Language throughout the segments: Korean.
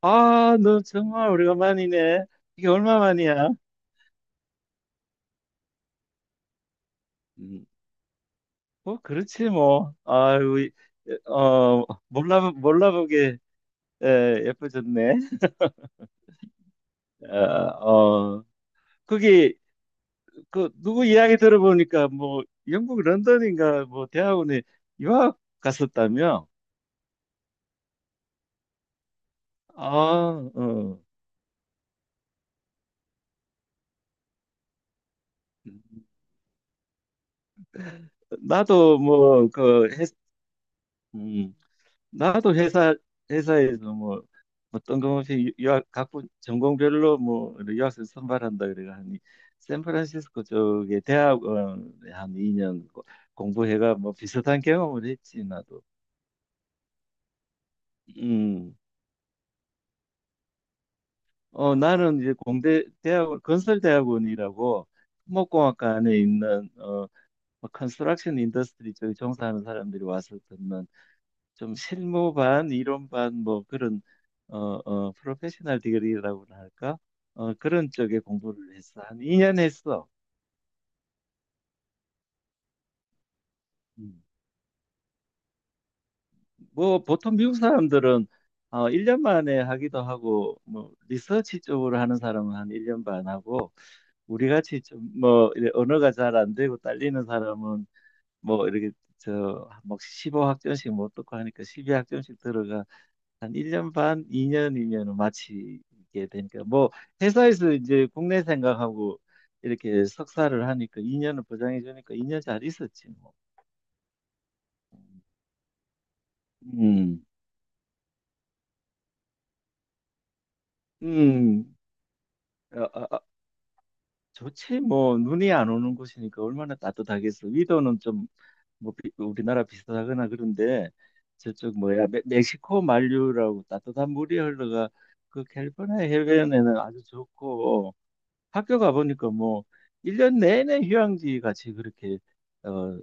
아, 너 정말 오래간만이네. 이게 얼마 만이야? 음, 뭐, 그렇지, 뭐. 아유, 어, 몰라보게 예뻐졌네. 어, 어, 거기, 누구 이야기 들어보니까, 뭐, 영국 런던인가, 뭐, 대학원에 유학 갔었다며? 아, 어. 나도, 음. 회사 회사에서 뭐 어떤 것이 유학 전공별로 뭐 유학생 선발한다 그래가 하니 샌프란시스코 쪽에 대학원에 한 2년 공부해가 뭐 비슷한 경험을 했지 나도. 음. 나는 이제 공대 대학원 건설대학원이라고 토목공학과 안에 있는 어뭐 컨스트럭션 인더스트리 쪽에 종사하는 사람들이 와서 듣는 좀 실무 반, 이론 반, 뭐 그런 프로페셔널 디그리라고 할까? 어, 그런 쪽에 공부를 했어. 한 2년 했어. 음. 뭐 보통 미국 사람들은 어, 1년 만에 하기도 하고, 뭐 리서치 쪽으로 하는 사람은 한 1년 반 하고, 우리 같이 좀 뭐 언어가 잘 안 되고 딸리는 사람은 뭐 이렇게 저막 15학점씩 못 듣고 하니까 12학점씩 들어가고 한 1년 반, 2년이면 마치게 되니까, 뭐 회사에서 이제 국내 생각하고 이렇게 석사를 하니까 2년을 보장해 주니까 2년 잘 있었지, 뭐. 음. 음. 아, 아, 아, 좋지 뭐. 눈이 안 오는 곳이니까 얼마나 따뜻하겠어. 위도는 좀 뭐 우리나라 비슷하거나 그런데, 저쪽 뭐야 멕시코 만류라고 따뜻한 물이 흘러가 그 캘리포니아 해변에는 아주 좋고, 학교 가보니까 뭐, 1년 내내 휴양지 같이 그렇게, 어,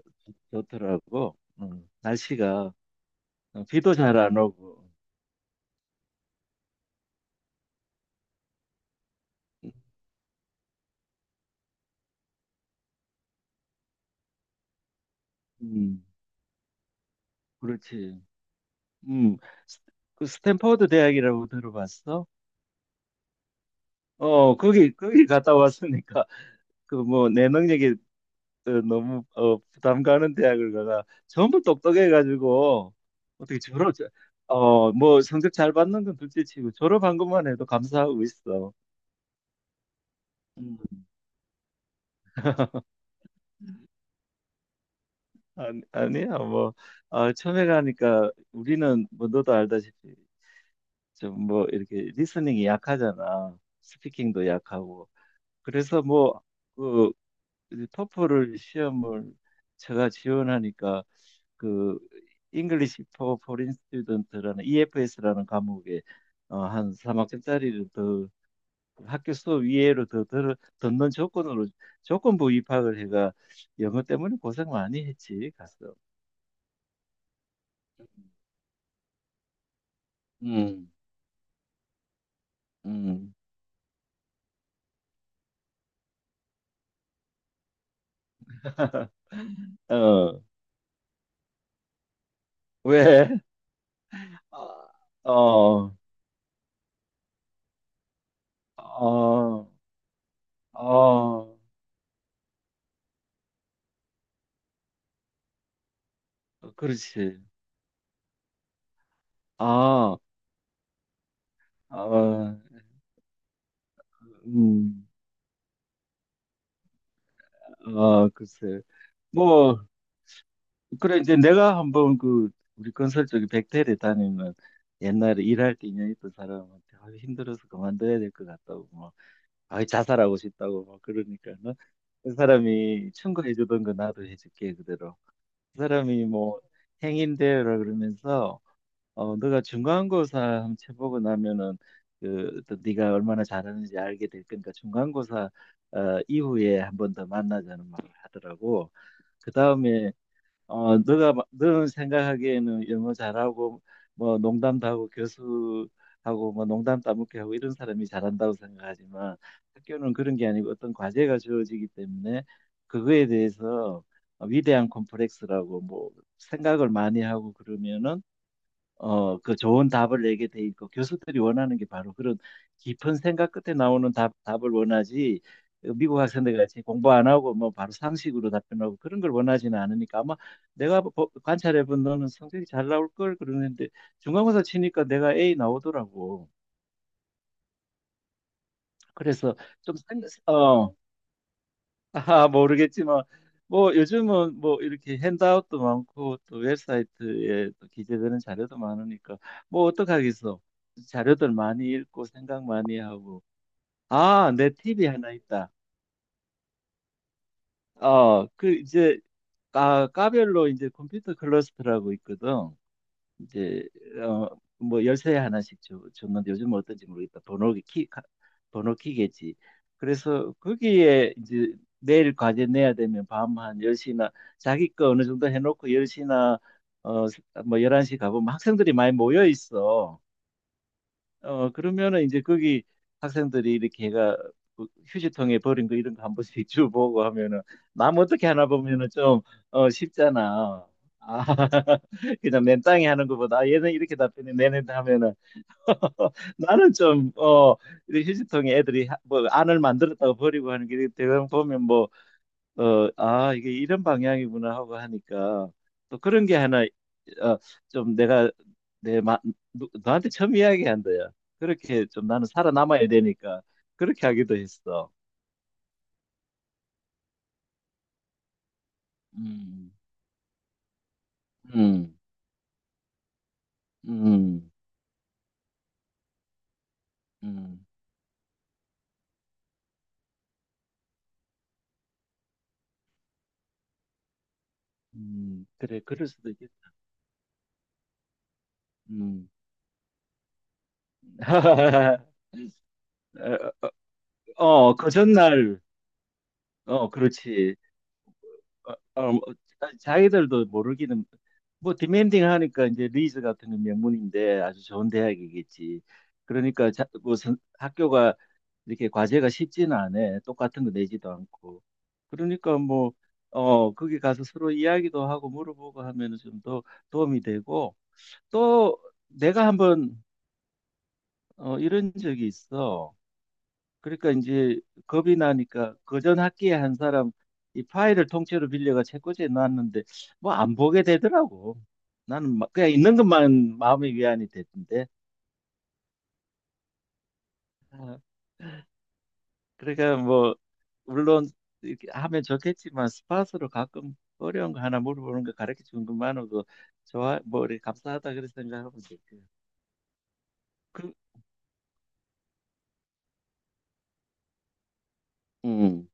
좋더라고. 날씨가, 어, 비도 잘 안 오고. 음, 그렇지. 음, 스- 그 스탠퍼드 대학이라고 들어봤어? 어, 거기, 거기 갔다 왔으니까, 그 뭐, 내 능력이 너무, 부담 가는 대학을 가가 전부 똑똑해가지고, 어떻게 졸업, 어, 뭐, 성적 잘 받는 건 둘째 치고, 졸업한 것만 해도 감사하고 있어. 음. 아니, 아니야 뭐, 아, 처음에 가니까 우리는 뭐 너도 알다시피 좀 뭐 이렇게 리스닝이 약하잖아. 스피킹도 약하고. 그래서 뭐그 토플을 시험을 제가 지원하니까, 그 English for Foreign Student라는 EFS라는 과목에 어, 한 3학점짜리를 더, 학교 수업 이외로 더 듣는 조건으로 조건부 입학을 해가 영어 때문에 고생 많이 했지 가서. 음, 음. 어, 왜? 어, 어, 어, 어, 그렇지. 아, 어, 음, 아, 글쎄. 뭐, 그래, 이제 내가 한번, 그, 우리 건설 쪽에 백태를 다니는, 옛날에 일할 때 인연 있던 사람한테 아, 힘들어서 그만둬야 될 것 같다고, 뭐, 아, 자살하고 싶다고, 막 그러니까. 어? 그 사람이 충고해주던 거 나도 해줄게, 그대로. 그 사람이 뭐, 행인대요라 그러면서, 어, 너가 중간고사 한번 쳐보고 나면은 그 어떤 네가 얼마나 잘하는지 알게 될 거니까 중간고사 어, 이후에 한 번 더 만나자는 말을 하더라고. 그 다음에 어, 너는 생각하기에는 영어 잘하고 뭐 농담도 하고 교수하고 뭐 농담 따먹기 하고 이런 사람이 잘한다고 생각하지만, 학교는 그런 게 아니고 어떤 과제가 주어지기 때문에 그거에 대해서 위대한 콤플렉스라고 뭐 생각을 많이 하고 그러면은 어, 그 좋은 답을 내게 돼 있고, 교수들이 원하는 게 바로 그런 깊은 생각 끝에 나오는 답, 답을 원하지. 어, 미국 학생들 같이 공부 안 하고 뭐 바로 상식으로 답변하고 그런 걸 원하지는 않으니까 아마 내가 관찰해 본 너는 성적이 잘 나올 걸 그러는데, 중간고사 치니까 내가 A 나오더라고. 그래서 좀 생, 어, 아, 모르겠지만 뭐, 요즘은 뭐 이렇게 핸드아웃도 많고 또 웹사이트에 또 기재되는 자료도 많으니까 뭐 어떡하겠어. 자료들 많이 읽고 생각 많이 하고. 아, 내 팁이 하나 있다. 어, 그 이제 아, 까별로 이제 컴퓨터 클러스터라고 있거든. 이제 어, 뭐 열쇠 줬는데 요즘은 어떤지 모르겠다. 번호키겠지. 그래서 거기에 이제 내일 과제 내야 되면 밤 한 10시나, 자기 거 어느 정도 해놓고 10시나 어 뭐 11시 가보면 학생들이 많이 모여 있어. 어, 그러면은 이제 거기 학생들이 이렇게 해가 그 휴지통에 버린 거 이런 거 한 번씩 주워보고 하면은 남 어떻게 하나 보면은 좀 어, 쉽잖아. 아, 그냥 맨땅에 하는 것보다 아, 얘는 이렇게 답변해 내는 하면은. 나는 좀 어, 이 휴지통에 애들이 뭐 안을 만들었다고 버리고 하는 게 대강 보면 뭐 어, 아, 이게 이런 방향이구나 하고 하니까 또 그런 게 하나, 어, 좀 내가 내 마, 너한테 처음 이야기한 거야. 그렇게 좀 나는 살아남아야 되니까 그렇게 하기도 했어. 음, 음, 음, 음, 그래, 그럴 수도 있겠다. 음. 어, 그 전날, 어, 그렇지. 어, 어, 자기들도 모르기는 뭐 디멘딩 하니까, 이제 리즈 같은 건 명문인데 아주 좋은 대학이겠지. 그러니까 뭐 학교가 이렇게 과제가 쉽지는 않아. 똑같은 거 내지도 않고. 그러니까 뭐 어, 거기 가서 서로 이야기도 하고 물어보고 하면은 좀 더 도움이 되고, 또 내가 한번 어, 이런 적이 있어. 그러니까 이제 겁이 나니까 그전 학기에 한 사람 이 파일을 통째로 빌려가 책꽂이에 놨는데 뭐 안 보게 되더라고. 나는 막 그냥 있는 것만 마음의 위안이 됐던데. 아, 그러니까 뭐 물론 이렇게 하면 좋겠지만 스팟으로 가끔 어려운 거 하나 물어보는 거 가르쳐 주는 것만으로도 좋아. 뭐 이렇게 감사하다 그런 생각하면 되고. 그, 음,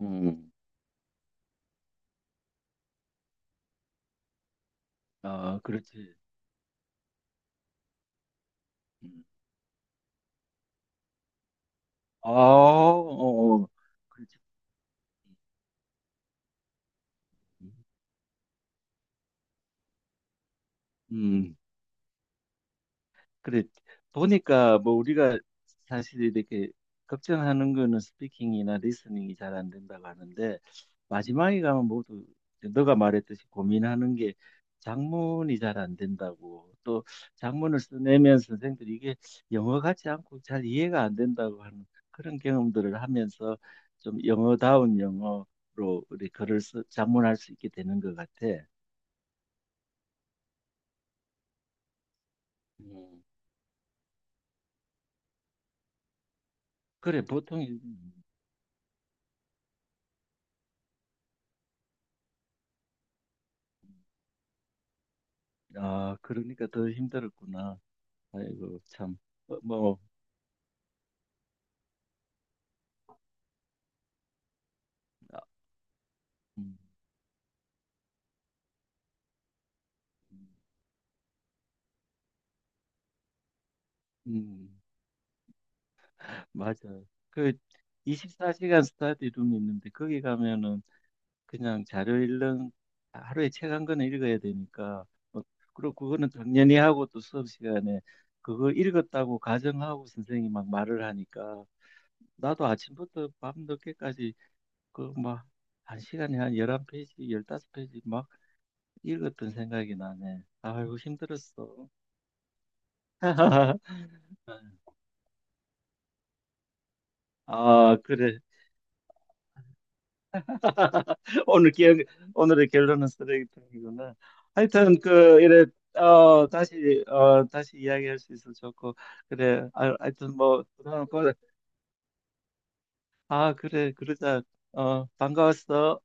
음, 아, 그렇지. 음. 아, 어, 어, 그렇지. 음. 그래 보니까 뭐 우리가 사실 이렇게 걱정하는 거는 스피킹이나 리스닝이 잘 안 된다고 하는데, 마지막에 가면 모두 너가 말했듯이 고민하는 게 작문이 잘 안 된다고, 또 작문을 써내면 선생들이 이게 영어 같지 않고 잘 이해가 안 된다고 하는 그런 경험들을 하면서 좀 영어다운 영어로 우리 글을 써, 작문할 수 있게 되는 것 같아. 음. 그래 보통 이- 아 그러니까 더 힘들었구나. 아이고 참. 어, 뭐 아, 음, 음, 음. 맞아. 그 24시간 스터디 룸이 있는데 거기 가면은 그냥 자료 읽는, 하루에 책 한 권을 읽어야 되니까 뭐, 그리고 그거는 당연히 하고, 또 수업 시간에 그거 읽었다고 가정하고 선생님이 막 말을 하니까, 나도 아침부터 밤 늦게까지 그 막 한 시간에 한 11페이지, 15페이지 막 읽었던 생각이 나네. 아이고 힘들었어. 아, 그래. 오늘 기억, 오늘의 결론은 쓰레기통이구나. 하여튼, 그, 이래, 어, 다시 이야기할 수 있어서 좋고, 그래. 아, 하여튼, 뭐, 그럼, 그래. 아, 그래. 그러자. 어, 반가웠어.